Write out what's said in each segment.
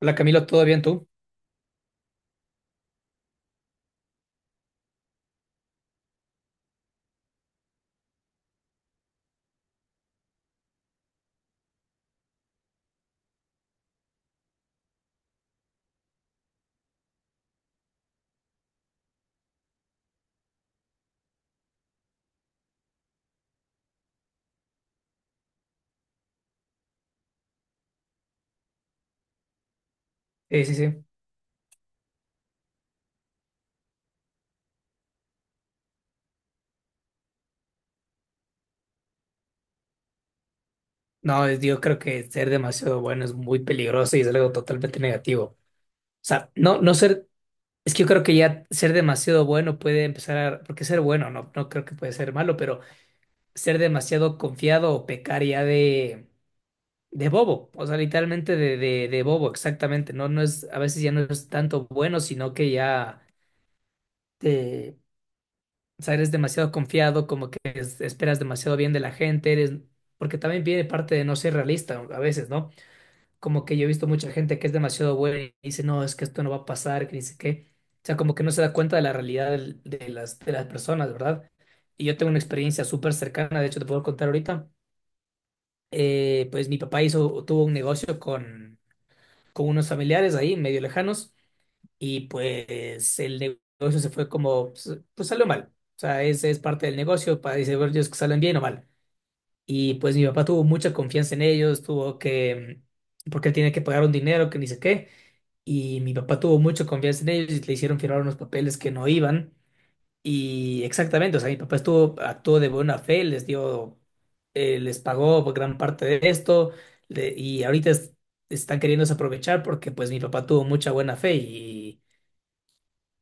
Hola Camilo, ¿todo bien tú? Sí, sí, sí. No, yo creo que ser demasiado bueno es muy peligroso y es algo totalmente negativo. O sea, no, no ser, es que yo creo que ya ser demasiado bueno puede empezar a, porque ser bueno no creo que puede ser malo, pero ser demasiado confiado o pecar ya de bobo. O sea, literalmente de bobo, exactamente. No, no es, A veces ya no es tanto bueno, sino que ya. O sea, eres demasiado confiado, como que esperas demasiado bien de la gente, eres, porque también viene parte de no ser realista a veces, ¿no? Como que yo he visto mucha gente que es demasiado buena y dice, no, es que esto no va a pasar, que ni sé qué. O sea, como que no se da cuenta de la realidad de las personas, ¿verdad? Y yo tengo una experiencia súper cercana, de hecho te puedo contar ahorita. Pues mi papá hizo, tuvo un negocio con unos familiares ahí, medio lejanos, y pues el negocio se fue como, pues, pues salió mal. O sea, ese es parte del negocio, para dice, bueno, ellos que salen bien o mal. Y pues mi papá tuvo mucha confianza en ellos, tuvo que, porque él tiene que pagar un dinero que ni sé qué. Y mi papá tuvo mucha confianza en ellos y le hicieron firmar unos papeles que no iban. Y exactamente, o sea, mi papá estuvo, actuó de buena fe, les dio, les pagó gran parte de esto. le- y ahorita es- Están queriéndose aprovechar porque pues mi papá tuvo mucha buena fe,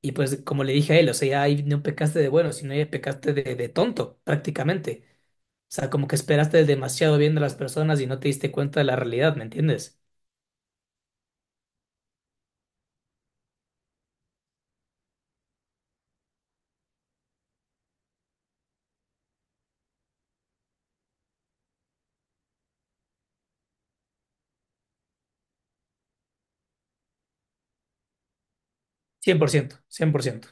y pues como le dije a él, o sea, ahí no pecaste de bueno, sino ya pecaste de tonto, prácticamente. O sea, como que esperaste demasiado bien de las personas y no te diste cuenta de la realidad, ¿me entiendes? Cien por ciento, 100%.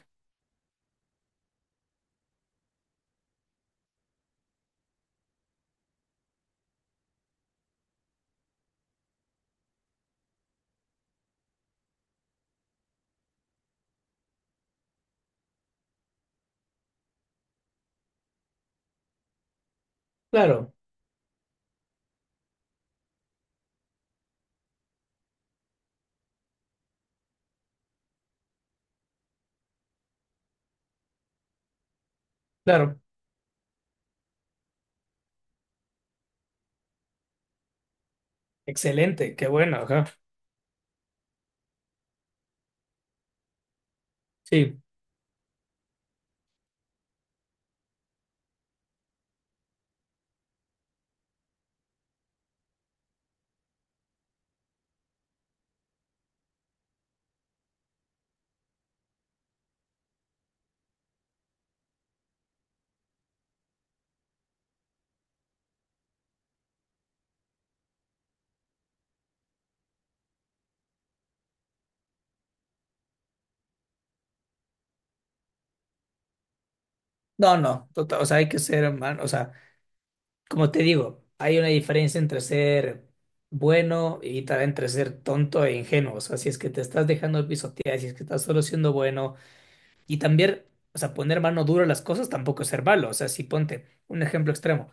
Claro, claro. Excelente, qué bueno, ajá. Sí. No, no, tota- O sea, hay que ser, hermano. O sea, como te digo, hay una diferencia entre ser bueno y también entre ser tonto e ingenuo. O sea, si es que te estás dejando pisotear, si es que estás solo siendo bueno. Y también, o sea, poner mano dura a las cosas tampoco es ser malo. O sea, si ponte un ejemplo extremo,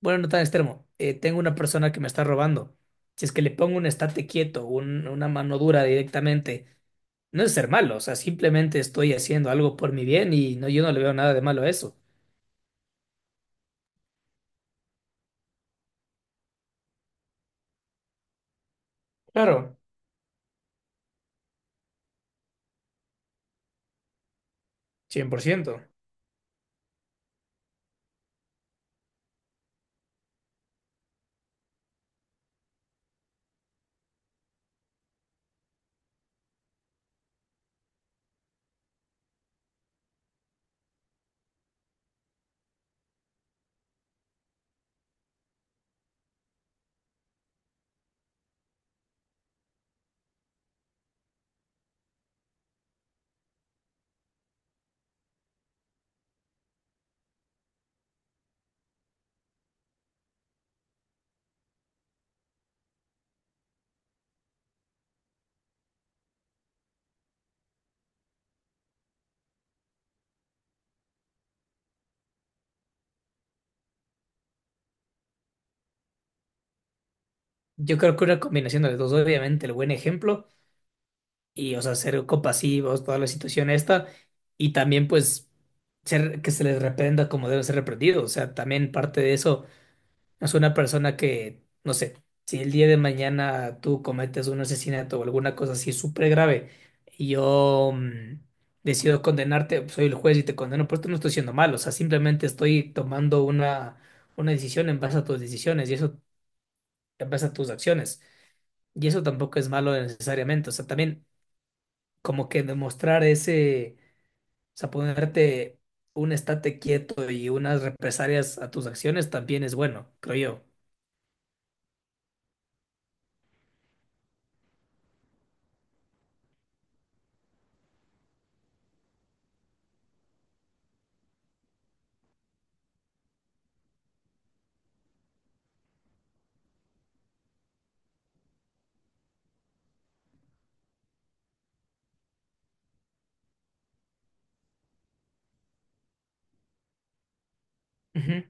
bueno, no tan extremo, tengo una persona que me está robando. Si es que le pongo un estate quieto, una mano dura directamente, no es ser malo. O sea, simplemente estoy haciendo algo por mi bien y no, yo no le veo nada de malo a eso. Claro, 100%. Yo creo que una combinación de los dos, obviamente, el buen ejemplo y, o sea, ser compasivos, toda la situación esta, y también, pues, ser, que se les reprenda como debe ser reprendido. O sea, también parte de eso. Es una persona que, no sé, si el día de mañana tú cometes un asesinato o alguna cosa así súper grave, y yo decido condenarte, pues, soy el juez y te condeno, pero esto no estoy siendo malo. O sea, simplemente estoy tomando una decisión en base a tus decisiones y eso, en base a tus acciones. Y eso tampoco es malo necesariamente. O sea, también como que demostrar ese, o sea, ponerte un estate quieto y unas represalias a tus acciones también es bueno, creo yo. Ujú,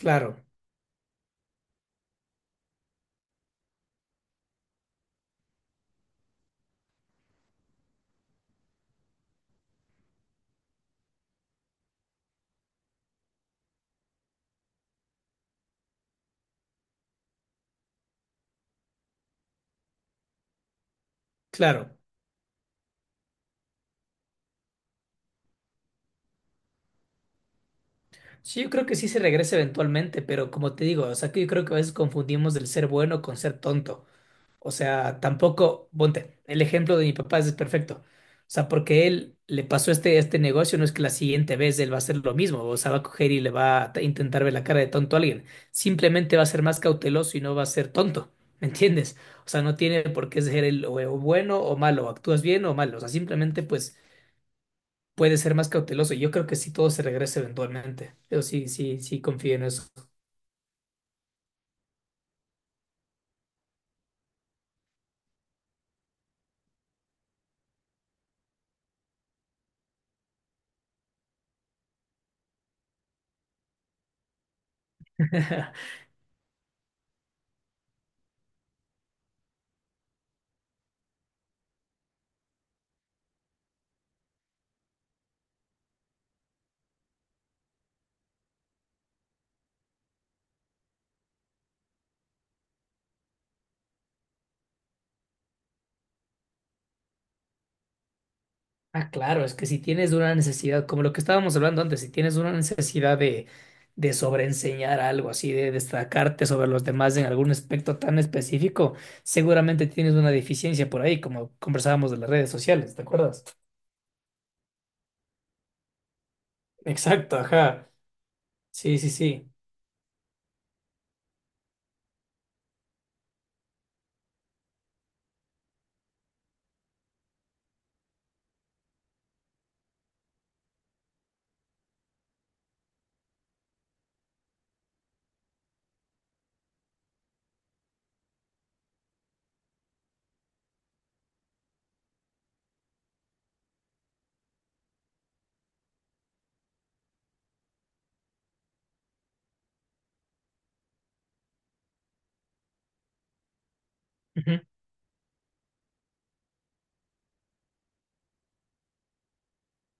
claro, claro. Sí, yo creo que sí se regresa eventualmente, pero como te digo, o sea, que yo creo que a veces confundimos el ser bueno con ser tonto. O sea, tampoco, ponte, el ejemplo de mi papá es perfecto. O sea, porque él le pasó este, este negocio, no es que la siguiente vez él va a hacer lo mismo. O sea, va a coger y le va a intentar ver la cara de tonto a alguien. Simplemente va a ser más cauteloso y no va a ser tonto, ¿me entiendes? O sea, no tiene por qué ser el o bueno o malo, o actúas bien o mal. O sea, simplemente pues puede ser más cauteloso. Yo creo que sí todo se regresa eventualmente. Yo sí, sí, sí confío en eso. Ah, claro, es que si tienes una necesidad, como lo que estábamos hablando antes, si tienes una necesidad de sobreenseñar algo, así de destacarte sobre los demás en algún aspecto tan específico, seguramente tienes una deficiencia por ahí, como conversábamos de las redes sociales, ¿te acuerdas? Exacto, ajá. Sí, sí, sí. Ujú.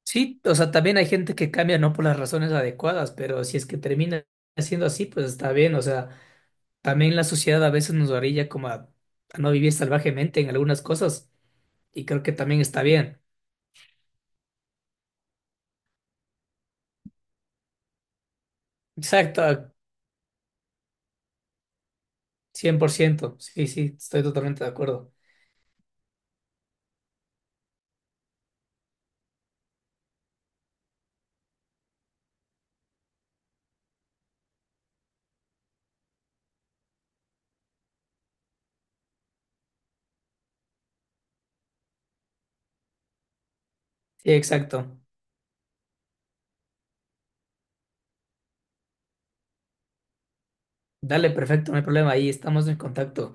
Sí, o sea, también hay gente que cambia no por las razones adecuadas, pero si es que termina siendo así, pues está bien, o sea. También la sociedad a veces nos orilla como a no vivir salvajemente en algunas cosas, y creo que también está bien. Exacto, 100%. Sí, sí, estoy totalmente de acuerdo. Sí, exacto. Dale, perfecto, no hay problema. Ahí estamos en contacto.